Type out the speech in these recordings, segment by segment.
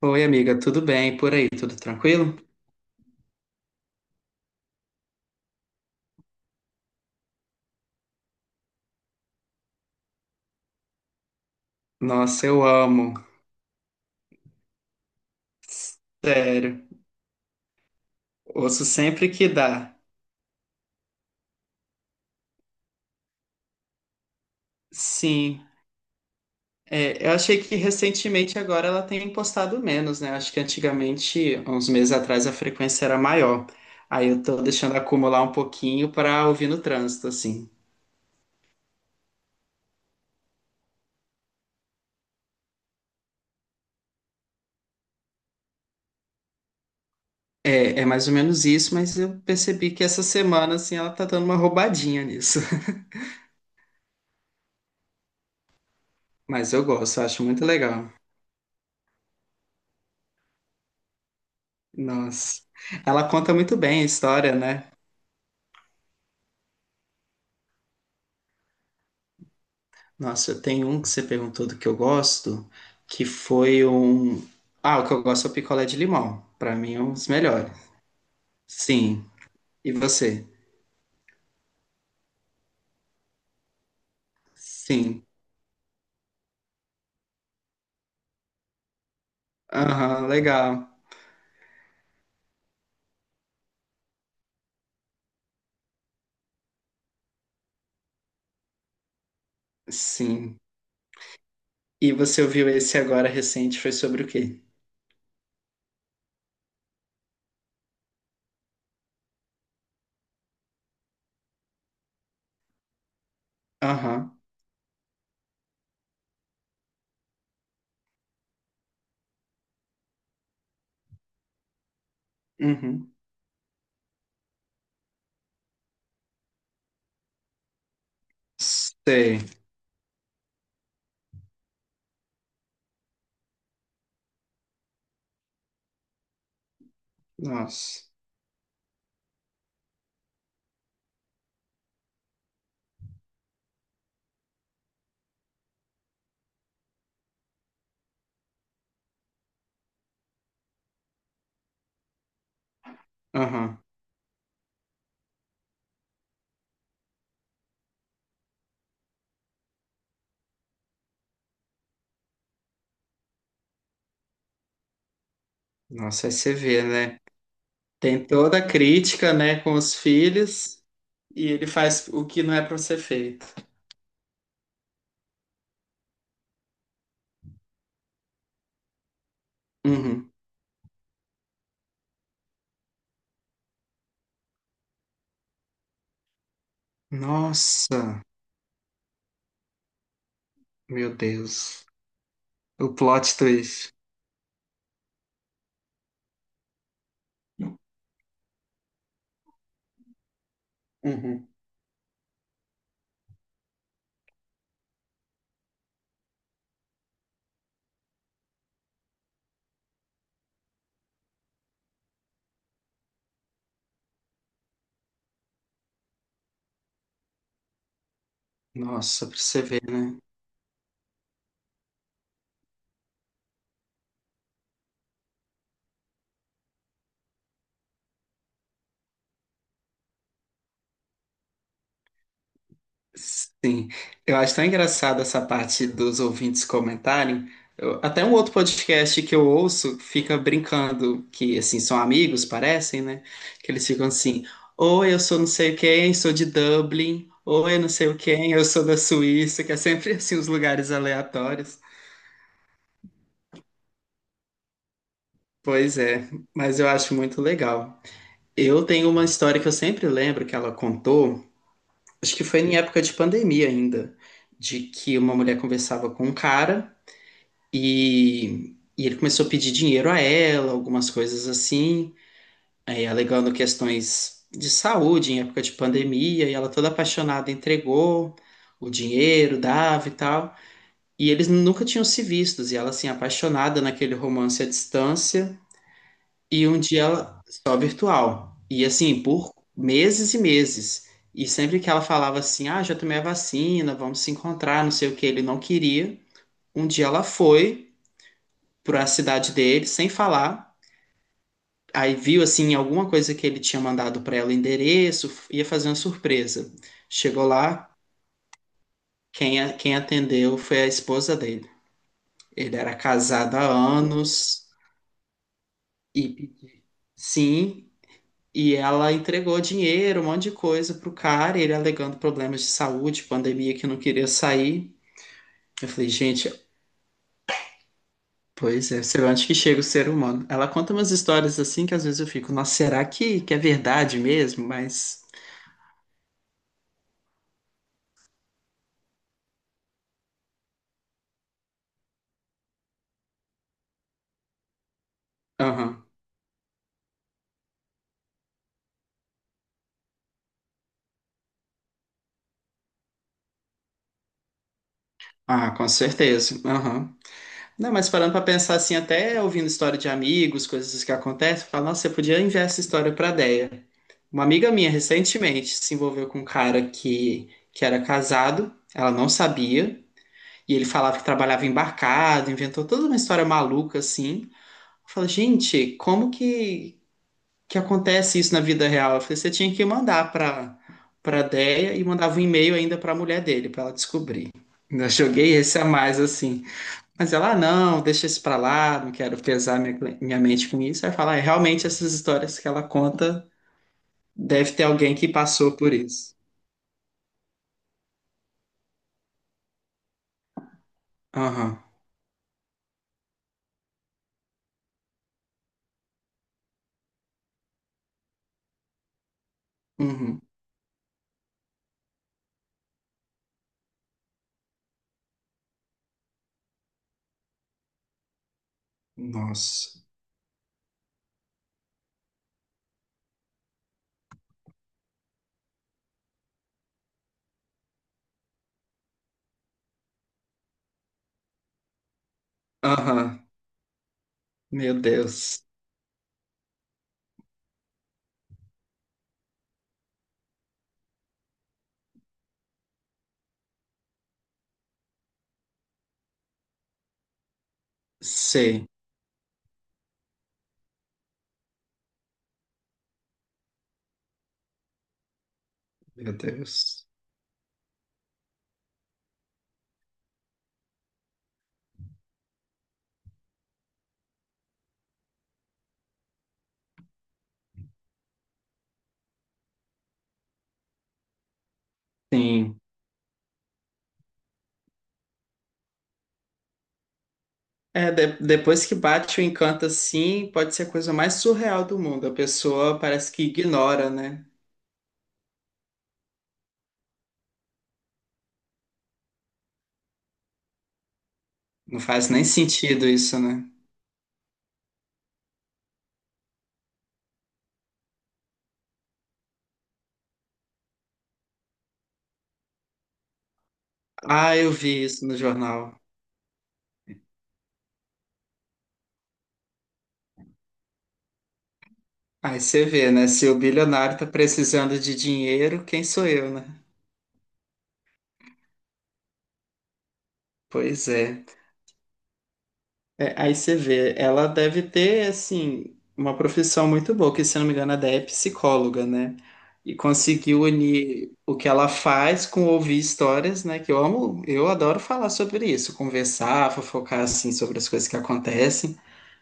Oi, amiga, tudo bem por aí? Tudo tranquilo? Nossa, eu amo. Sério. Ouço sempre que dá. Sim. É, eu achei que recentemente agora ela tem postado menos, né? Acho que antigamente, há uns meses atrás, a frequência era maior. Aí eu tô deixando acumular um pouquinho para ouvir no trânsito, assim. É, é mais ou menos isso, mas eu percebi que essa semana, assim, ela tá dando uma roubadinha nisso. Mas eu acho muito legal. Nossa. Ela conta muito bem a história, né? Nossa, eu tenho um que você perguntou do que eu gosto, que foi um. Ah, o que eu gosto é o picolé de limão. Pra mim é um dos melhores. Sim. E você? Sim. Aham, legal. Sim. E você ouviu esse agora recente, foi sobre o quê? Aham. Uhum. Sei. Nossa. Aham. Nossa, aí você vê, né? Tem toda a crítica, né, com os filhos, e ele faz o que não é pra ser feito. Uhum. Nossa, meu Deus. O plot twist. Uhum. Nossa, pra você ver, né? Sim. Eu acho tão engraçado essa parte dos ouvintes comentarem. Até um outro podcast que eu ouço fica brincando, que assim, são amigos, parecem, né? Que eles ficam assim, ou eu sou não sei quem, sou de Dublin, ou eu não sei o quem, eu sou da Suíça, que é sempre assim, os lugares aleatórios. Pois é, mas eu acho muito legal. Eu tenho uma história que eu sempre lembro que ela contou. Acho que foi em época de pandemia ainda, de que uma mulher conversava com um cara e ele começou a pedir dinheiro a ela, algumas coisas assim, aí alegando questões de saúde em época de pandemia, e ela toda apaixonada entregou o dinheiro, dava e tal. E eles nunca tinham se vistos, e ela assim, apaixonada naquele romance à distância. E um dia ela só virtual. E assim, por meses e meses. E sempre que ela falava assim, ah, já tomei a vacina, vamos se encontrar, não sei o que, ele não queria. Um dia ela foi para a cidade dele sem falar. Aí viu assim alguma coisa que ele tinha mandado para ela, endereço, ia fazer uma surpresa. Chegou lá, quem, quem atendeu foi a esposa dele. Ele era casado há anos e sim. E ela entregou dinheiro, um monte de coisa pro cara, e ele alegando problemas de saúde, pandemia que não queria sair. Eu falei, gente, pois é, você vê onde que chega o ser humano? Ela conta umas histórias assim que às vezes eu fico, nossa, será que é verdade mesmo? Mas. Aham. Ah, com certeza. Aham. Não, mas parando pra pensar assim, até ouvindo história de amigos, coisas assim que acontecem, eu falo, nossa, eu podia enviar essa história pra Deia. Uma amiga minha recentemente se envolveu com um cara que era casado, ela não sabia. E ele falava que trabalhava embarcado, inventou toda uma história maluca assim. Eu falei, gente, como que acontece isso na vida real? Eu falei, você tinha que mandar pra, pra Déia e mandava um e-mail ainda pra mulher dele, pra ela descobrir. Ainda joguei esse a mais assim. Mas ela, ah, não, deixa isso pra lá, não quero pesar minha, minha mente com isso. Aí fala, é, realmente essas histórias que ela conta, deve ter alguém que passou por isso. Aham, uhum, nossa, aham, meu Deus, sei. Meu Deus. Sim. É, depois que bate o encanto assim, pode ser a coisa mais surreal do mundo. A pessoa parece que ignora, né? Não faz nem sentido isso, né? Ah, eu vi isso no jornal. Aí você vê, né? Se o bilionário tá precisando de dinheiro, quem sou eu, né? Pois é. É, aí você vê, ela deve ter, assim, uma profissão muito boa, que se eu não me engano, a ideia é psicóloga, né? E conseguiu unir o que ela faz com ouvir histórias, né? Que eu amo, eu adoro falar sobre isso, conversar, fofocar, assim, sobre as coisas que acontecem.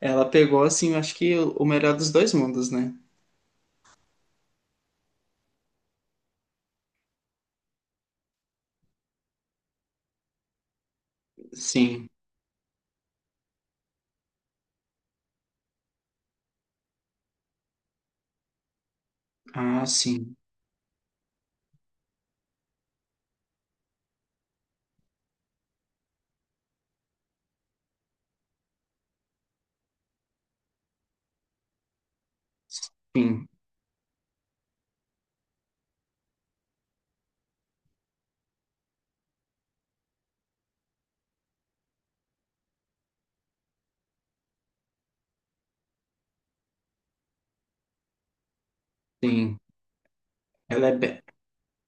Ela pegou, assim, eu acho que o melhor dos dois mundos, né? Sim. Ah, sim. Sim, sim. Ela é, be-.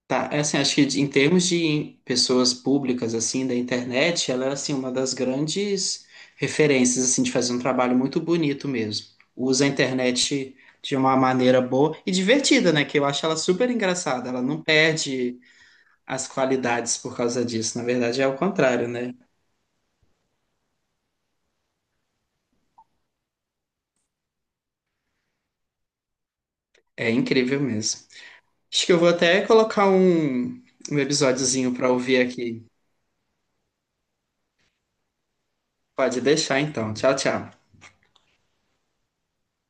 Tá, é assim, acho que em termos de pessoas públicas, assim, da internet, ela é, assim, uma das grandes referências, assim, de fazer um trabalho muito bonito mesmo. Usa a internet de uma maneira boa e divertida, né? Que eu acho ela super engraçada. Ela não perde as qualidades por causa disso. Na verdade, é o contrário, né? É incrível mesmo. Acho que eu vou até colocar um, um episódiozinho para ouvir aqui. Pode deixar, então. Tchau, tchau.